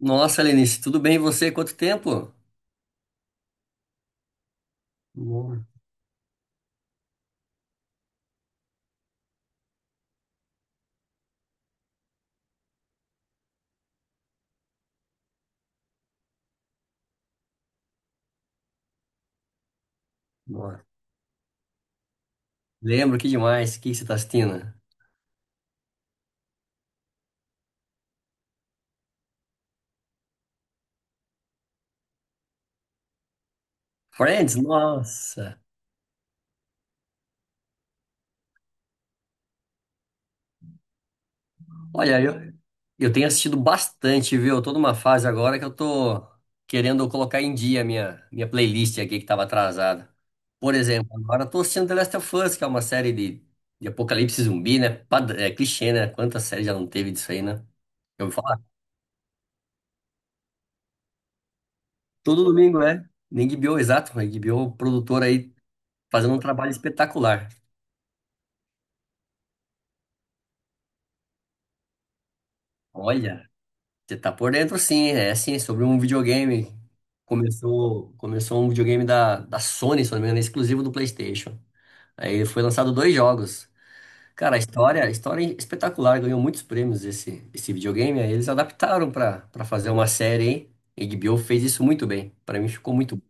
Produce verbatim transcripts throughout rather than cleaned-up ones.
Nossa, Lenice, tudo bem e você? Quanto tempo? Nossa, nossa. Lembro, que demais. O que que você tá assistindo? Friends? Nossa. Olha, eu, eu tenho assistido bastante, viu? Eu tô numa fase agora que eu tô querendo colocar em dia a minha, minha playlist aqui que tava atrasada. Por exemplo, agora eu tô assistindo The Last of Us, que é uma série de, de apocalipse zumbi, né? Pad- É clichê, né? Quantas séries já não teve disso aí, né? Eu vou falar. Todo domingo, é. Na H B O, exato. Na H B O, o o produtor aí fazendo um trabalho espetacular. Olha. Você tá por dentro, sim. É assim, sobre um videogame. Começou, começou um videogame da, da Sony, se não me engano, exclusivo do PlayStation. Aí foi lançado dois jogos. Cara, a história, a história é espetacular, ganhou muitos prêmios esse, esse videogame. Aí eles adaptaram pra para fazer uma série, hein? A H B O fez isso muito bem. Pra mim ficou muito bom.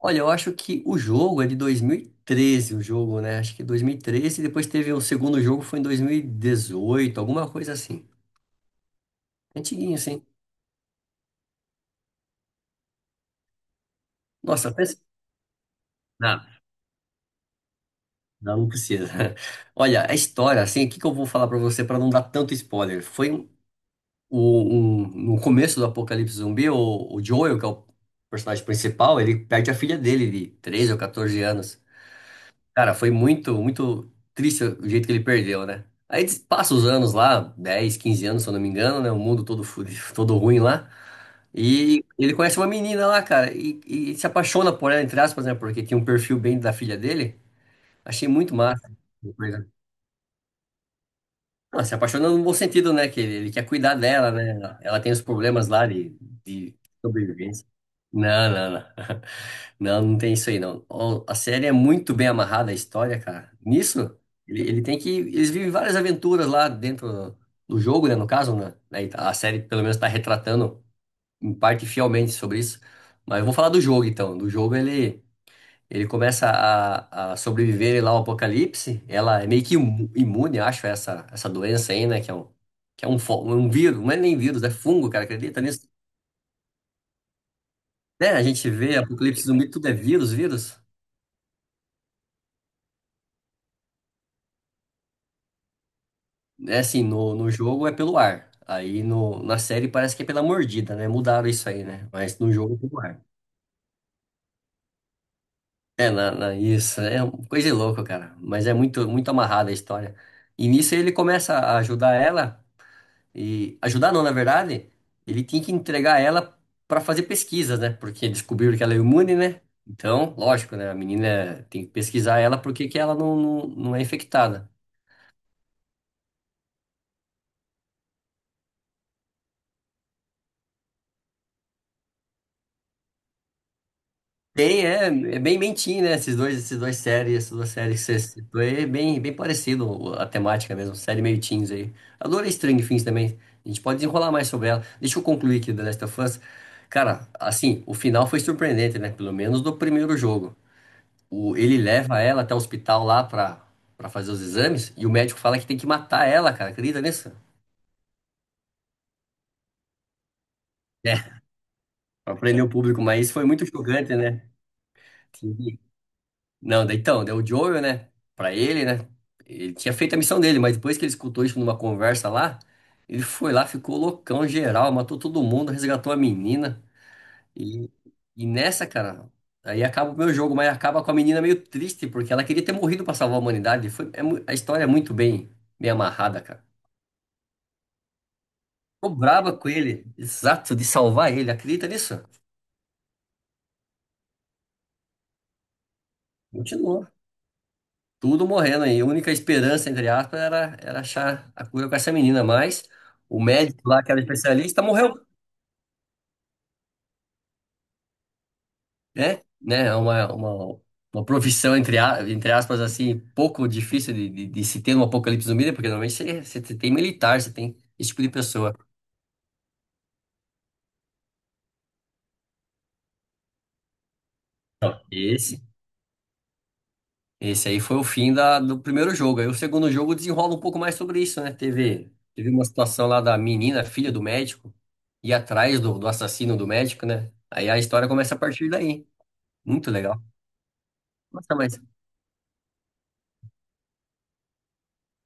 Olha, eu acho que o jogo é de dois mil e treze, o jogo, né? Acho que dois mil e treze, depois teve o segundo jogo, foi em dois mil e dezoito, alguma coisa assim. Antiguinho, assim. Nossa, pensa. Ah, não, precisa. Olha, a história, assim, o que que eu vou falar pra você pra não dar tanto spoiler? Foi um, um- no começo do Apocalipse Zumbi, o, o Joel, que é o personagem principal, ele perde a filha dele de treze ou quatorze anos. Cara, foi muito, muito triste o jeito que ele perdeu, né? Aí des- passa os anos lá, dez quinze anos, se eu não me engano, né? O mundo todo fudido, todo ruim lá. E ele conhece uma menina lá, cara, e, e se apaixona por ela, entre aspas, né? Porque tinha um perfil bem da filha dele. Achei muito massa. Não, se apaixona no bom sentido, né? Que ele, ele quer cuidar dela, né? Ela ela tem os problemas lá de, de sobrevivência. Não, não, não. Não, não tem isso aí, não. Ó, a série é muito bem amarrada, a história, cara. Nisso, ele, ele tem que. Eles vivem várias aventuras lá dentro do jogo, né? No caso, né? Né, a série, pelo menos, está retratando, em parte, fielmente sobre isso. Mas eu vou falar do jogo, então. Do jogo, ele. Ele começa a, a sobreviver lá ao apocalipse. Ela é meio que imu- imune, acho, a essa, essa doença aí, né? Que é um, que é um, fo- um vírus, não é nem vírus, é fungo, cara, acredita nisso? É, a gente vê apocalipse zumbi, tudo é vírus, vírus. É assim, no, no jogo é pelo ar. Aí no, na série parece que é pela mordida, né? Mudaram isso aí, né? Mas no jogo é pelo ar. É, na, na- isso, é uma coisa de louco, cara. Mas é muito, muito amarrada a história. E nisso ele começa a ajudar ela. E ajudar não, na verdade, ele tinha que entregar ela para fazer pesquisas, né? Porque descobriram que ela é imune, né? Então, lógico, né? A menina tem que pesquisar ela porque que ela não, não, não é infectada. Tem, é, é bem mentinho, né? Esses dois, esses dois séries, essas duas séries que você citou, é bem, bem parecido a temática mesmo, série meio teens aí. Adorei Stranger Things também. A gente pode desenrolar mais sobre ela. Deixa eu concluir aqui The Last of Us. Cara, assim, o final foi surpreendente, né? Pelo menos do primeiro jogo. o- ele leva ela até o hospital lá pra, pra fazer os exames e o médico fala que tem que matar ela, cara. Acredita nisso? É, pra prender o público, mas isso foi muito chocante, né? Sim. Não, daí então, daí o Joel, né? Pra ele, né? Ele tinha feito a missão dele, mas depois que ele escutou isso numa conversa lá, ele foi lá, ficou loucão geral, matou todo mundo, resgatou a menina. E, e nessa, cara, aí acaba o meu jogo, mas acaba com a menina meio triste, porque ela queria ter morrido pra salvar a humanidade. Foi, é mu- a história é muito bem, bem amarrada, cara. Ficou braba com ele. Exato, de salvar ele. Acredita nisso? Continuou. Tudo morrendo aí. A única esperança, entre aspas, era, era achar a cura com essa menina. Mas o médico lá, que era especialista, morreu. Né? Né? É Uma, uma, uma profissão, entre, a- entre aspas, assim, pouco difícil de, de, de se ter no Apocalipse Zumbi, né? Porque normalmente você, você tem militar, você tem esse tipo de pessoa. Não, Esse Esse aí foi o fim da, do primeiro jogo. Aí o segundo jogo desenrola um pouco mais sobre isso, né? Teve, teve uma situação lá da menina, filha do médico, ir atrás do, do assassino do médico, né? Aí a história começa a partir daí. Muito legal. Nossa, mas.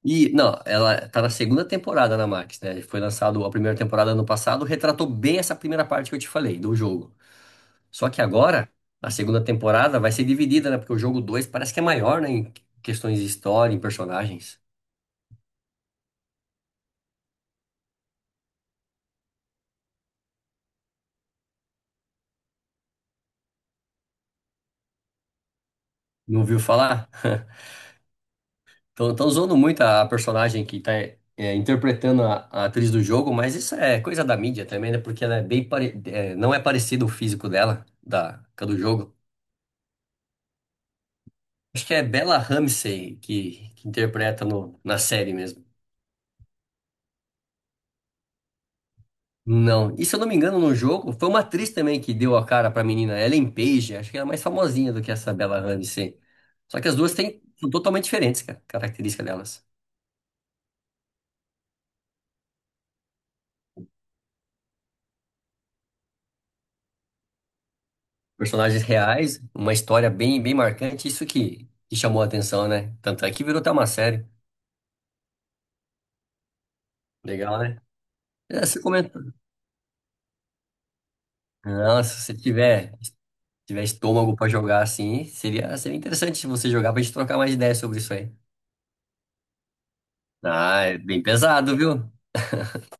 E, não, ela tá na segunda temporada na Max, né? Foi lançado a primeira temporada ano passado, retratou bem essa primeira parte que eu te falei, do jogo. Só que agora, a segunda temporada vai ser dividida, né? Porque o jogo dois parece que é maior, né? Em questões de história, em personagens. Não ouviu falar? Estão usando muito a a personagem que está interpretando a, a atriz do jogo, mas isso é coisa da mídia também, né? Porque ela é bem pare- é, não é parecido o físico dela, da, com a do jogo. Acho que é Bella Ramsey que, que interpreta no, na série mesmo. Não, e se eu não me engano, no jogo, foi uma atriz também que deu a cara pra menina, Ellen Page, acho que ela é mais famosinha do que essa Bella Ramsey. Só que as duas têm, são totalmente diferentes, cara, característica delas. Personagens reais, uma história bem, bem marcante, isso que, que chamou a atenção, né? Tanto é que virou até uma série. Legal, né? É, você comentou. Não, se tiver, se tiver estômago pra jogar assim, seria, seria interessante se você jogar pra gente trocar mais ideias sobre isso aí. Ah, é bem pesado, viu?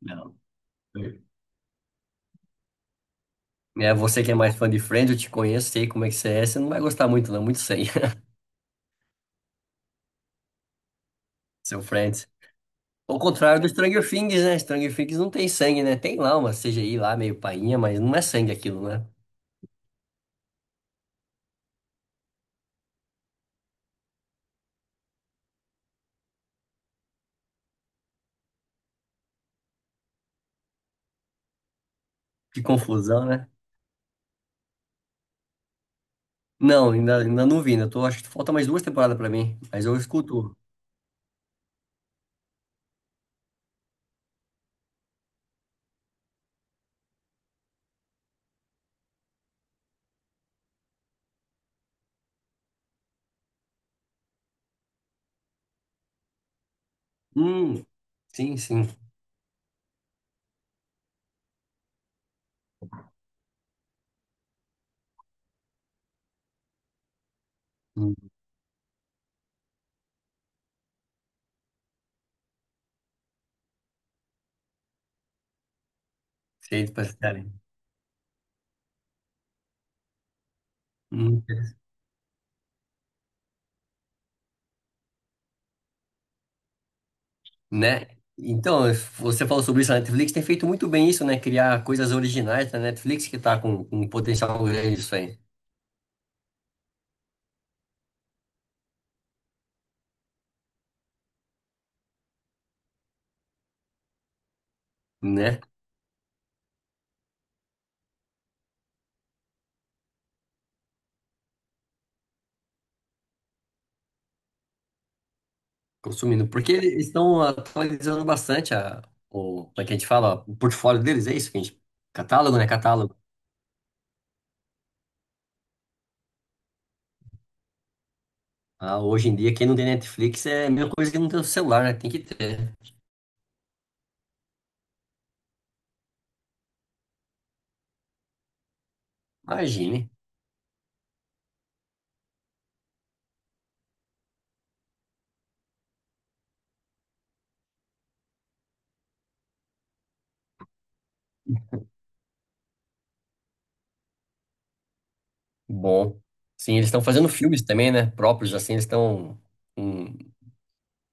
Não. É, você que é mais fã de Friends, eu te conheço, sei como é que você é, você não vai gostar muito, não, muito sangue. Seu Friends. Ao contrário do Stranger Things, né? Stranger Things não tem sangue, né? Tem lá uma C G I lá, meio painha, mas não é sangue aquilo, né? Que confusão, né? Não, ainda, ainda não vi, ainda tô, acho que falta mais duas temporadas pra mim, mas eu escuto. Hum, sim, sim. Hum, sei pra série. Hum, né? Então, você falou sobre isso, a Netflix tem feito muito bem isso, né? Criar coisas originais da Netflix que tá com, com um potencial grande isso aí, né? Consumindo. Porque eles estão atualizando bastante a, o, como é que a gente fala? O portfólio deles, é isso que a gente. Catálogo, né? Catálogo. Ah, hoje em dia, quem não tem Netflix é a mesma coisa que não tem o celular, né? Tem que ter. Imagine. Bom. Sim, eles estão fazendo filmes também, né? Próprios, assim, eles estão com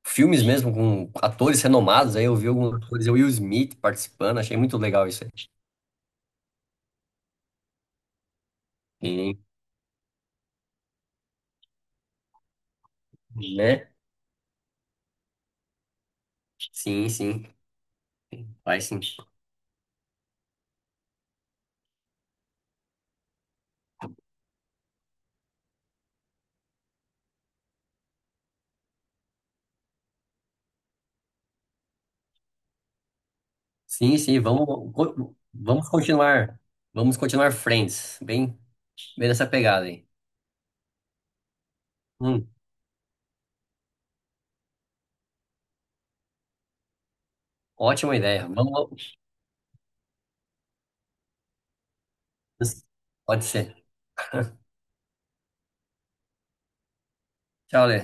filmes mesmo, com atores renomados. Aí eu vi alguns atores, o Will Smith participando, achei muito legal isso aí. Sim, né? Sim, sim. Vai sim. Sim, sim, vamos, co- vamos continuar. Vamos continuar Friends. Bem, bem nessa pegada aí. Hum, ótima ideia. Vamos. Pode ser. Tchau, Lê.